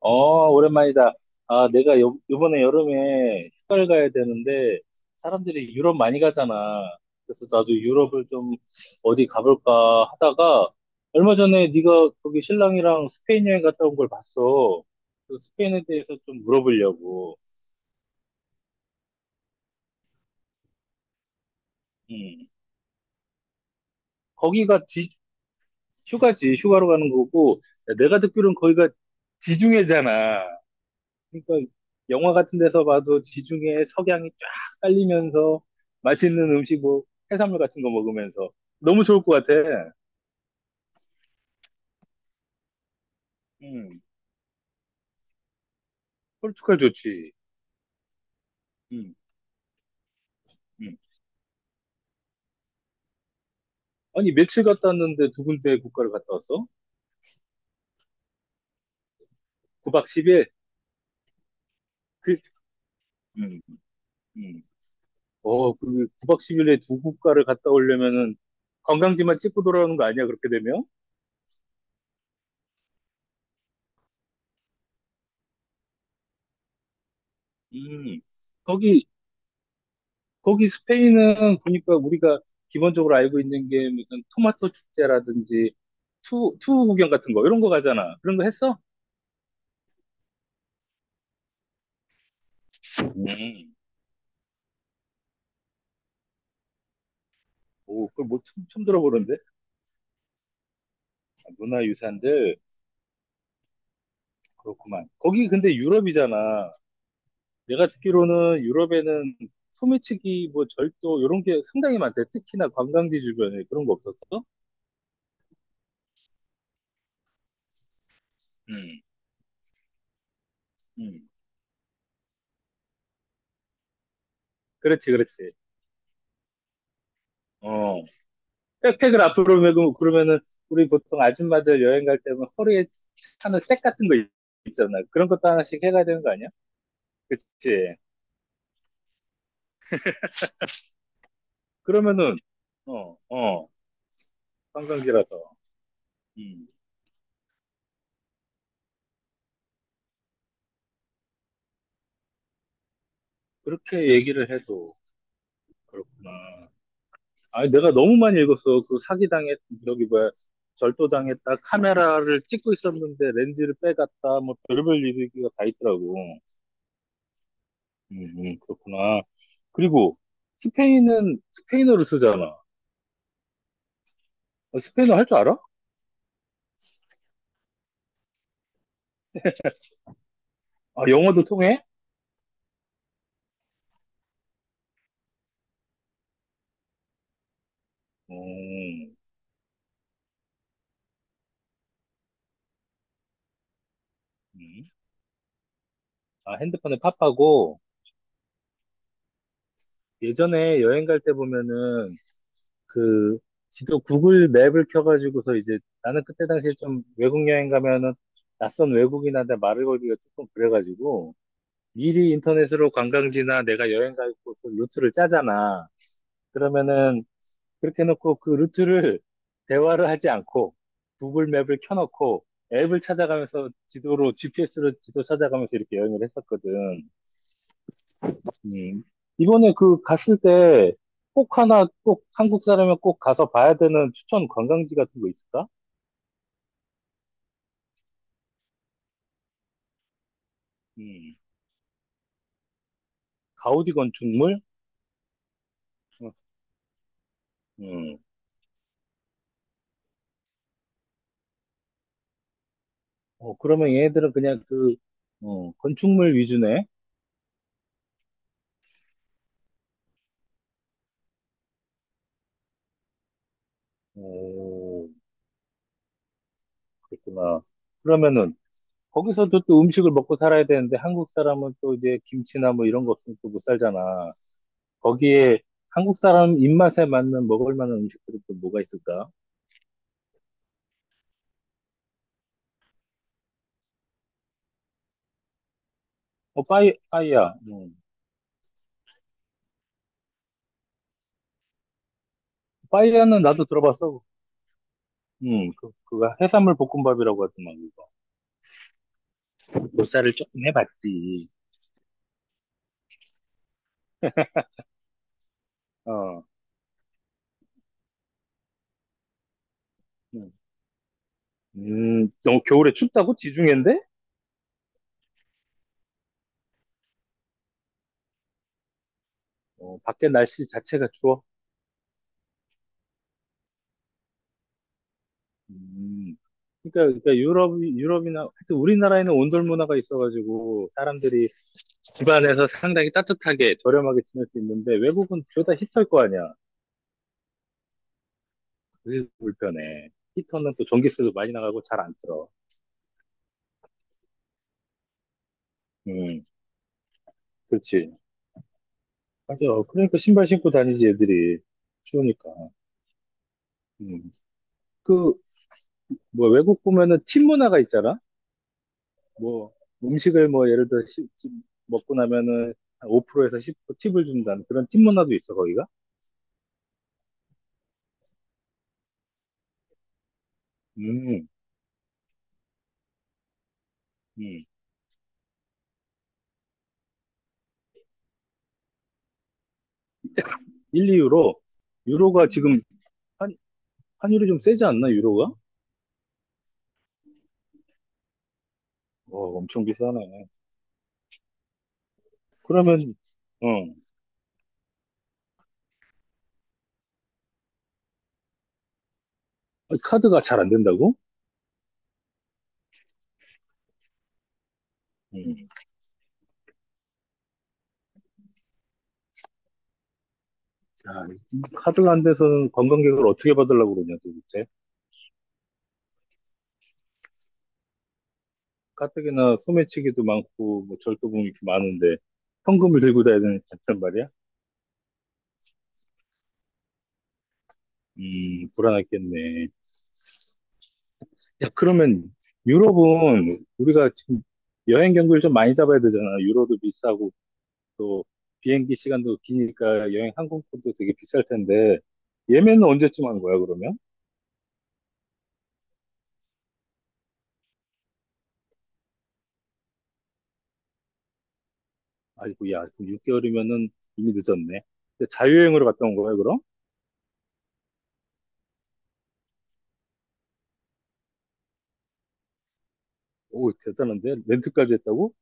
어, 오랜만이다. 아, 내가 요, 이번에 여름에 휴가를 가야 되는데, 사람들이 유럽 많이 가잖아. 그래서 나도 유럽을 좀 어디 가볼까 하다가, 얼마 전에 네가 거기 신랑이랑 스페인 여행 갔다 온 걸 봤어. 그 스페인에 대해서 좀 물어보려고. 음. 거기가 지- 휴가지, 휴가로 가는 거고, 내가 듣기로는 거기가 지중해잖아. 그러니까 영화 같은 데서 봐도 지중해 석양이 쫙 깔리면서 맛있는 음식 뭐 해산물 같은 거 먹으면서 너무 좋을 것 같아. 음, 포르투갈 좋지. 음, 음. 아니 며칠 갔다 왔는데 두 군데 국가를 갔다 왔어? 9박 10일? 그, 음, 음. 어, 그 9박 10일에 두 국가를 갔다 오려면은 관광지만 찍고 돌아오는 거 아니야? 그렇게 되면? 음. 거기 거기 스페인은 보니까 우리가 기본적으로 알고 있는 게 무슨 토마토 축제라든지 투우 구경 같은 거 이런 거 가잖아. 그런 거 했어? 음. 오, 그걸 뭐 처음 들어보는데? 아, 문화유산들 그렇구만. 거기 근데 유럽이잖아. 내가 듣기로는 유럽에는 소매치기, 뭐 절도 이런 게 상당히 많대. 특히나 관광지 주변에 그런 거 없었어? 음, 음. 그렇지, 그렇지. 어, 백팩을 앞으로 메고 그러면은 우리 보통 아줌마들 여행 갈 때면 허리에 차는 색 같은 거 있잖아. 그런 것도 하나씩 해가야 되는 거 아니야? 그치? 그러면은 어, 어, 관광지라서. 음, 그렇게 얘기를 해도 그렇구나. 아니, 내가 너무 많이 읽었어. 그 사기당했, 여기 뭐야, 절도당했다, 카메라를 찍고 있었는데 렌즈를 빼갔다, 뭐 별별 얘기가 다 있더라고. 그렇구나. 그리고 스페인은 스페인어를 쓰잖아. 어, 스페인어 할 줄 알아? 아, 영어도 통해? 음, 음. 아, 핸드폰에 팝하고 예전에 여행 갈 때 보면은 그 지도 구글 맵을 켜가지고서 이제 나는 그때 당시에 좀 외국 여행 가면은 낯선 외국인한테 말을 걸기가 조금 그래가지고 미리 인터넷으로 관광지나 내가 여행 갈 곳을 루트를 짜잖아. 그러면은 그렇게 해놓고 그 루트를 대화를 하지 않고 구글 맵을 켜놓고 앱을 찾아가면서 지도로 GPS로 지도 찾아가면서 이렇게 여행을 했었거든. 음. 이번에 그 갔을 때 꼭 하나 꼭 한국 사람이 꼭 가서 봐야 되는 추천 관광지 같은 거 있을까? 음. 가우디 건축물? 어, 음. 어, 그러면 얘네들은 그냥 그 어, 건축물 위주네. 오, 그렇구나. 그러면은 거기서도 또 음식을 먹고 살아야 되는데 한국 사람은 또 이제 김치나 뭐 이런 거 없으면 또 못 살잖아. 거기에 한국 사람 입맛에 맞는 먹을 만한 음식들은 또 뭐가 있을까? 어, 빠이야. 빠이야는 나도 들어봤어. 그거 해산물 볶음밥이라고 하더만, 그거. 보살을 조금 해봤지. 어, 음, 너 겨울에 춥다고? 지중해인데? 어, 밖에 날씨 자체가 추워. 음, 그러니까 유럽이나, 하여튼 우리나라에는 온돌 문화가 있어가지고, 사람들이 집안에서 상당히 따뜻하게, 저렴하게 지낼 수 있는데, 외국은 죄다 히터일 거 아니야. 그게 불편해. 히터는 또 전기세도 많이 나가고 잘 안 틀어. 음, 그렇지. 맞아. 그러니까 신발 신고 다니지, 애들이. 추우니까. 음. 그, 뭐, 외국 보면은 팀 문화가 있잖아? 뭐, 음식을 뭐, 예를 들어, 집 먹고 나면은 한 5%에서 10% 팁을 준다는 그런 팀 문화도 있어, 거기가? 음, 음. 1, 2유로. 유로가 지금 환, 환율이 좀 세지 않나, 유로가? 어, 엄청 비싸네. 그러면, 어, 카드가 잘 안 된다고? 음. 음. 야, 이 카드가 안 돼서는 관광객을 어떻게 받으려고 그러냐, 도대체? 가뜩이나 소매치기도 많고, 뭐, 절도범이 이렇게 많은데, 현금을 들고 다니는 단 말이야. 불안했겠네. 야, 그러면 유럽은 우리가 지금 여행 경비를 좀 많이 잡아야 되잖아. 유로도 비싸고 또 비행기 시간도 기니까 여행 항공권도 되게 비쌀 텐데 예매는 언제쯤 하는 거야, 그러면? 아이고, 야, 6개월이면은 이미 늦었네. 근데 자유여행으로 갔다 온 거야, 그럼? 오, 대단한데? 렌트까지 했다고?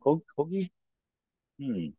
거기, 음,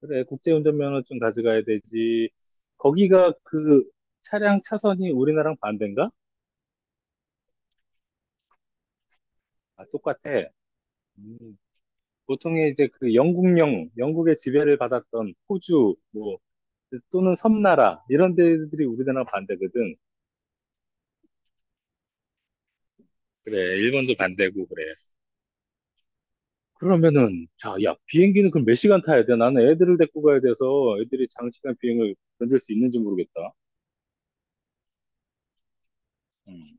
그래. 국제운전면허증 가져가야 되지. 거기가 그 차량 차선이 우리나라랑 반대인가? 아, 똑같아. 음, 보통의 이제 그 영국령, 영국의 지배를 받았던 호주, 뭐, 또는 섬나라, 이런 데들이 우리나라 반대거든. 그래, 일본도 반대고 그래. 그러면은, 자, 야, 비행기는 그럼 몇 시간 타야 돼? 나는 애들을 데리고 가야 돼서 애들이 장시간 비행을 견딜 수 있는지 모르겠다. 음.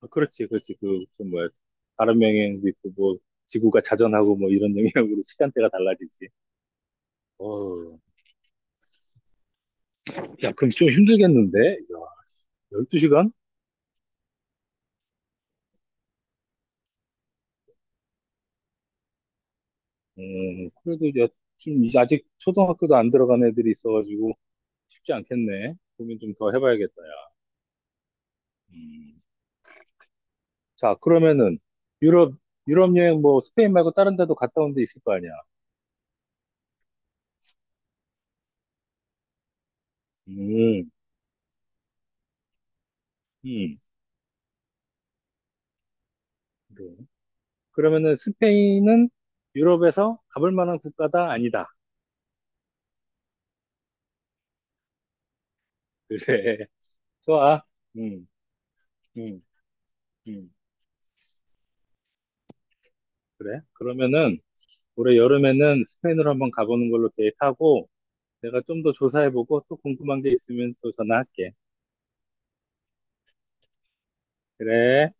아, 그렇지, 그렇지. 그, 그 뭐야. 다른 명행도 있고, 뭐, 지구가 자전하고 뭐 이런 영향으로 시간대가 달라지지. 어, 야, 그럼 좀 힘들겠는데? 야, 12시간? 그래도 이제 좀 이제 아직 초등학교도 안 들어간 애들이 있어가지고 쉽지 않겠네. 고민 좀 더 해봐야겠다, 야. 음. 자, 그러면은 유럽, 유럽 여행 뭐 스페인 말고 다른 데도 갔다 온데 있을 거 아니야. 음, 음, 그래. 그러면은 스페인은 유럽에서 가볼 만한 국가다? 아니다. 그래. 좋아. 음, 음, 음. 그래. 그러면은 올해 여름에는 스페인으로 한번 가보는 걸로 계획하고 내가 좀 더 조사해보고 또 궁금한 게 있으면 또 전화할게. 그래.